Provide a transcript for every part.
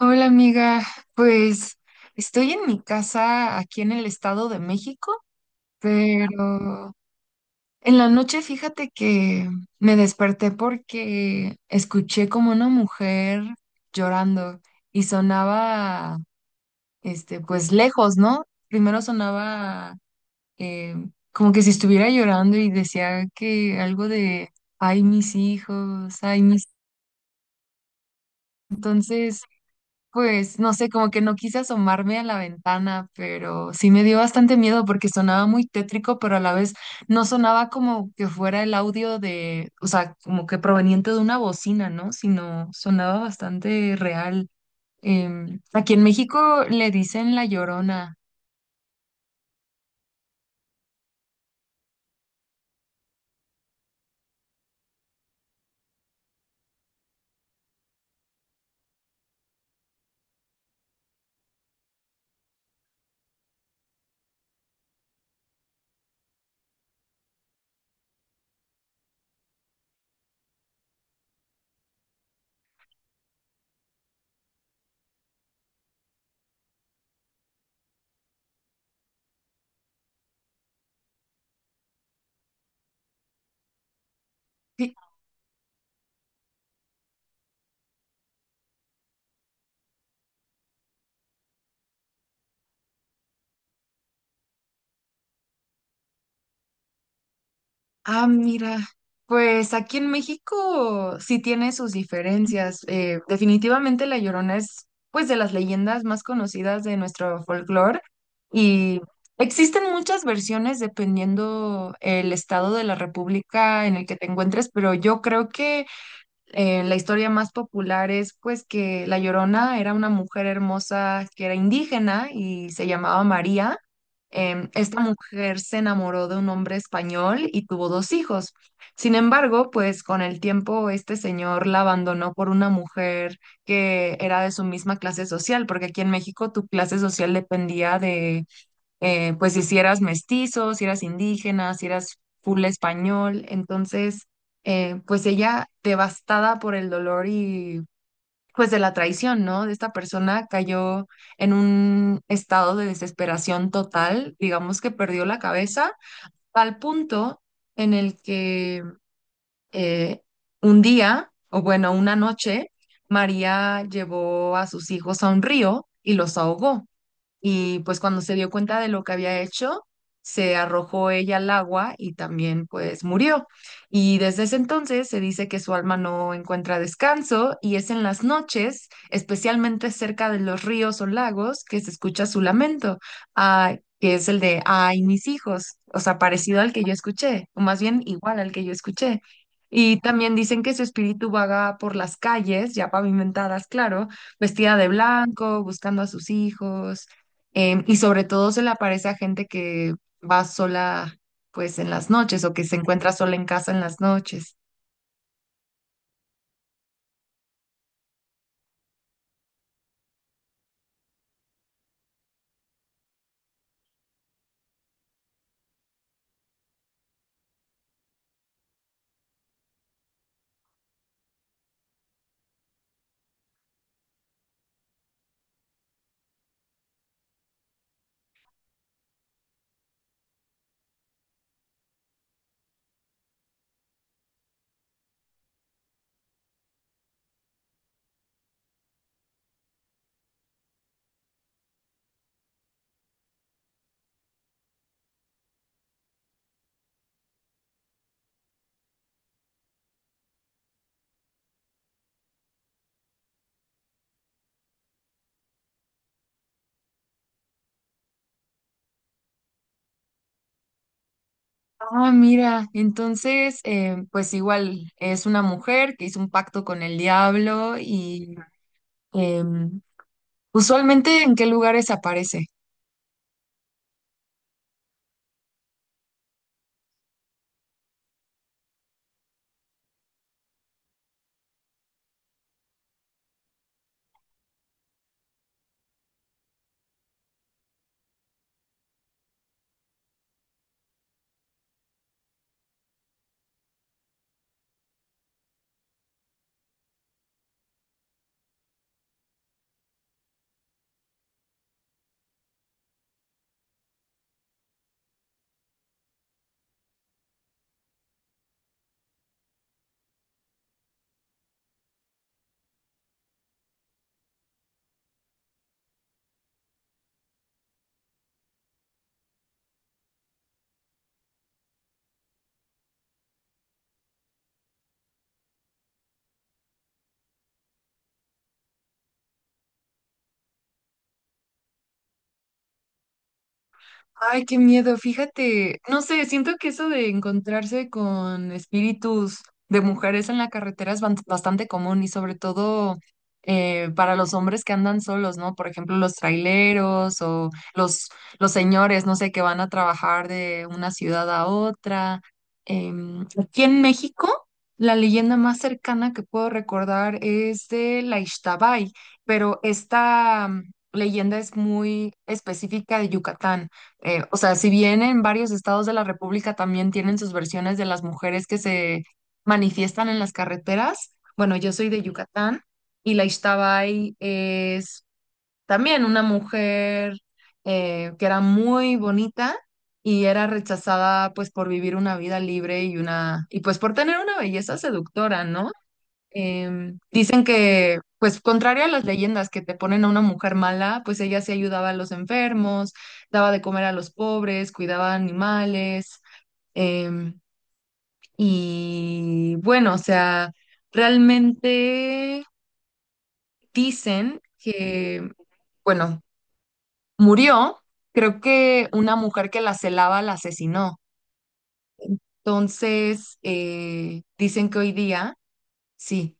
Hola amiga, pues estoy en mi casa aquí en el Estado de México, pero en la noche fíjate que me desperté porque escuché como una mujer llorando y sonaba, pues lejos, ¿no? Primero sonaba eh, como que si estuviera llorando y decía que algo de, ay mis hijos, ay mis... Entonces... Pues no sé, como que no quise asomarme a la ventana, pero sí me dio bastante miedo porque sonaba muy tétrico, pero a la vez no sonaba como que fuera el audio de, o sea, como que proveniente de una bocina, ¿no? Sino sonaba bastante real. Aquí en México le dicen la Llorona. Ah, mira, pues aquí en México sí tiene sus diferencias. Definitivamente La Llorona es pues de las leyendas más conocidas de nuestro folclore y existen muchas versiones dependiendo el estado de la república en el que te encuentres, pero yo creo que la historia más popular es pues que La Llorona era una mujer hermosa que era indígena y se llamaba María. Esta mujer se enamoró de un hombre español y tuvo dos hijos. Sin embargo, pues con el tiempo este señor la abandonó por una mujer que era de su misma clase social, porque aquí en México tu clase social dependía de pues si eras mestizo, si eras indígena, si eras full español, entonces pues ella devastada por el dolor y pues de la traición, ¿no? De esta persona cayó en un estado de desesperación total, digamos que perdió la cabeza, al punto en el que eh, un día, o bueno, una noche, María llevó a sus hijos a un río y los ahogó y pues cuando se dio cuenta de lo que había hecho, se arrojó ella al agua y también pues murió. Y desde ese entonces se dice que su alma no encuentra descanso y es en las noches, especialmente cerca de los ríos o lagos, que se escucha su lamento, ah, que es el de, ay, mis hijos, o sea, parecido al que yo escuché, o más bien igual al que yo escuché. Y también dicen que su espíritu vaga por las calles, ya pavimentadas, claro, vestida de blanco, buscando a sus hijos. Y sobre todo se le aparece a gente que va sola, pues en las noches o que se encuentra sola en casa en las noches. Ah, mira, entonces, pues igual es una mujer que hizo un pacto con el diablo y em, usualmente ¿en qué lugares aparece? Ay, qué miedo, fíjate, no sé, siento que eso de encontrarse con espíritus de mujeres en la carretera es bastante común y sobre todo para los hombres que andan solos, ¿no? Por ejemplo, los traileros o los, los señores, no sé, que van a trabajar de una ciudad a otra. Aquí en México, la leyenda más cercana que puedo recordar es de la Ixtabay, pero esta leyenda es muy específica de Yucatán. O sea, si bien en varios estados de la República también tienen sus versiones de las mujeres que se manifiestan en las carreteras, bueno, yo soy de Yucatán y la Ixtabay es también una mujer que era muy bonita y era rechazada pues por vivir una vida libre y pues por tener una belleza seductora, ¿no? Dicen que, pues, contrario a las leyendas que te ponen a una mujer mala, pues ella sí ayudaba a los enfermos, daba de comer a los pobres, cuidaba animales. em, y bueno, o sea, realmente dicen que, bueno, murió. Creo que una mujer que la celaba la asesinó. Entonces, dicen que hoy día, sí.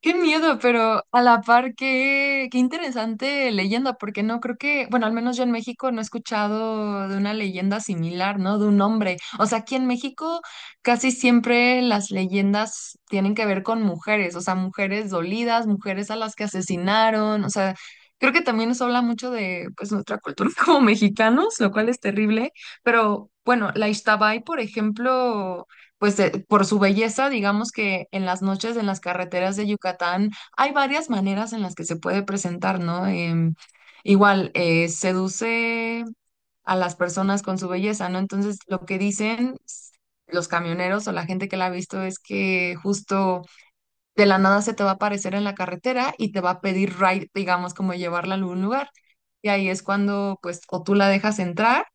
Qué miedo, pero a la par qué, qué interesante leyenda, porque no creo que, bueno, al menos yo en México no he escuchado de una leyenda similar, ¿no? De un hombre. O sea, aquí en México casi siempre las leyendas tienen que ver con mujeres, o sea, mujeres dolidas, mujeres a las que asesinaron, o sea, creo que también eso habla mucho de, pues, nuestra cultura como mexicanos, lo cual es terrible, pero bueno, la Ixtabay, por ejemplo, pues por su belleza, digamos que en las noches en las carreteras de Yucatán hay varias maneras en las que se puede presentar, ¿no? Igual, seduce a las personas con su belleza, ¿no? Entonces, lo que dicen los camioneros o la gente que la ha visto es que justo de la nada se te va a aparecer en la carretera y te va a pedir ride, digamos, como llevarla a algún lugar. Y ahí es cuando, pues, o tú la dejas entrar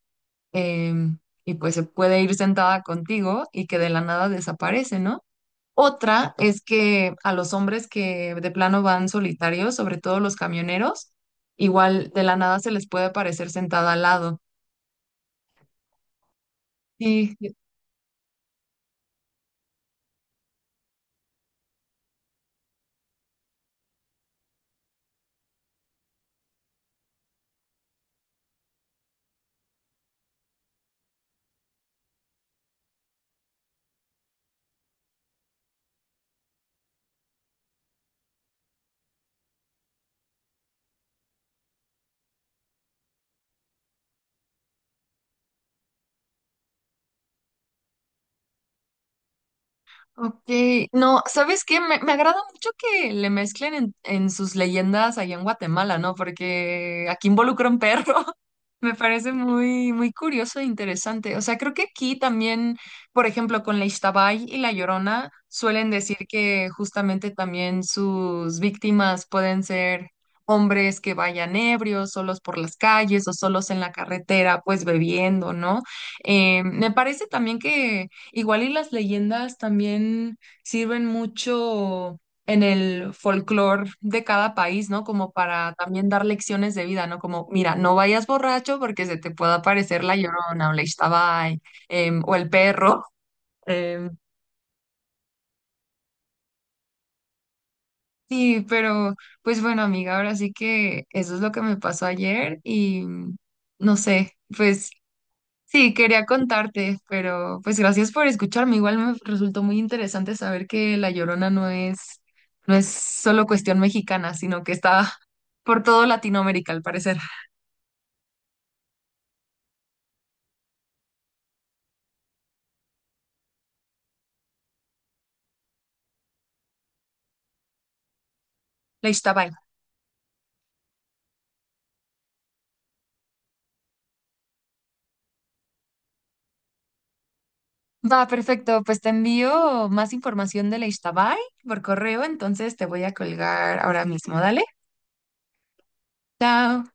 em, y pues se puede ir sentada contigo y que de la nada desaparece, ¿no? Otra es que a los hombres que de plano van solitarios, sobre todo los camioneros, igual de la nada se les puede aparecer sentada al lado. Sí. Ok, no, ¿sabes qué? Me agrada mucho que le mezclen en sus leyendas allá en Guatemala, ¿no? Porque aquí involucra un perro. Me parece muy, muy curioso e interesante. O sea, creo que aquí también, por ejemplo, con la Ixtabay y la Llorona, suelen decir que justamente también sus víctimas pueden ser hombres que vayan ebrios, solos por las calles o solos en la carretera, pues bebiendo, ¿no? Me parece también que igual las leyendas también sirven mucho en el folclore de cada país, ¿no? Como para también dar lecciones de vida, ¿no? Como, mira, no vayas borracho porque se te puede aparecer la Llorona o la Ixtabay, o el perro. em. Sí, pero pues bueno, amiga, ahora sí que eso es lo que me pasó ayer y no sé, pues sí, quería contarte, pero pues gracias por escucharme. Igual me resultó muy interesante saber que La Llorona no es, no es solo cuestión mexicana, sino que está por todo Latinoamérica, al parecer. La Ixtabay. Va, perfecto. Pues te envío más información de la Ixtabay por correo, entonces te voy a colgar ahora mismo. Dale. Chao.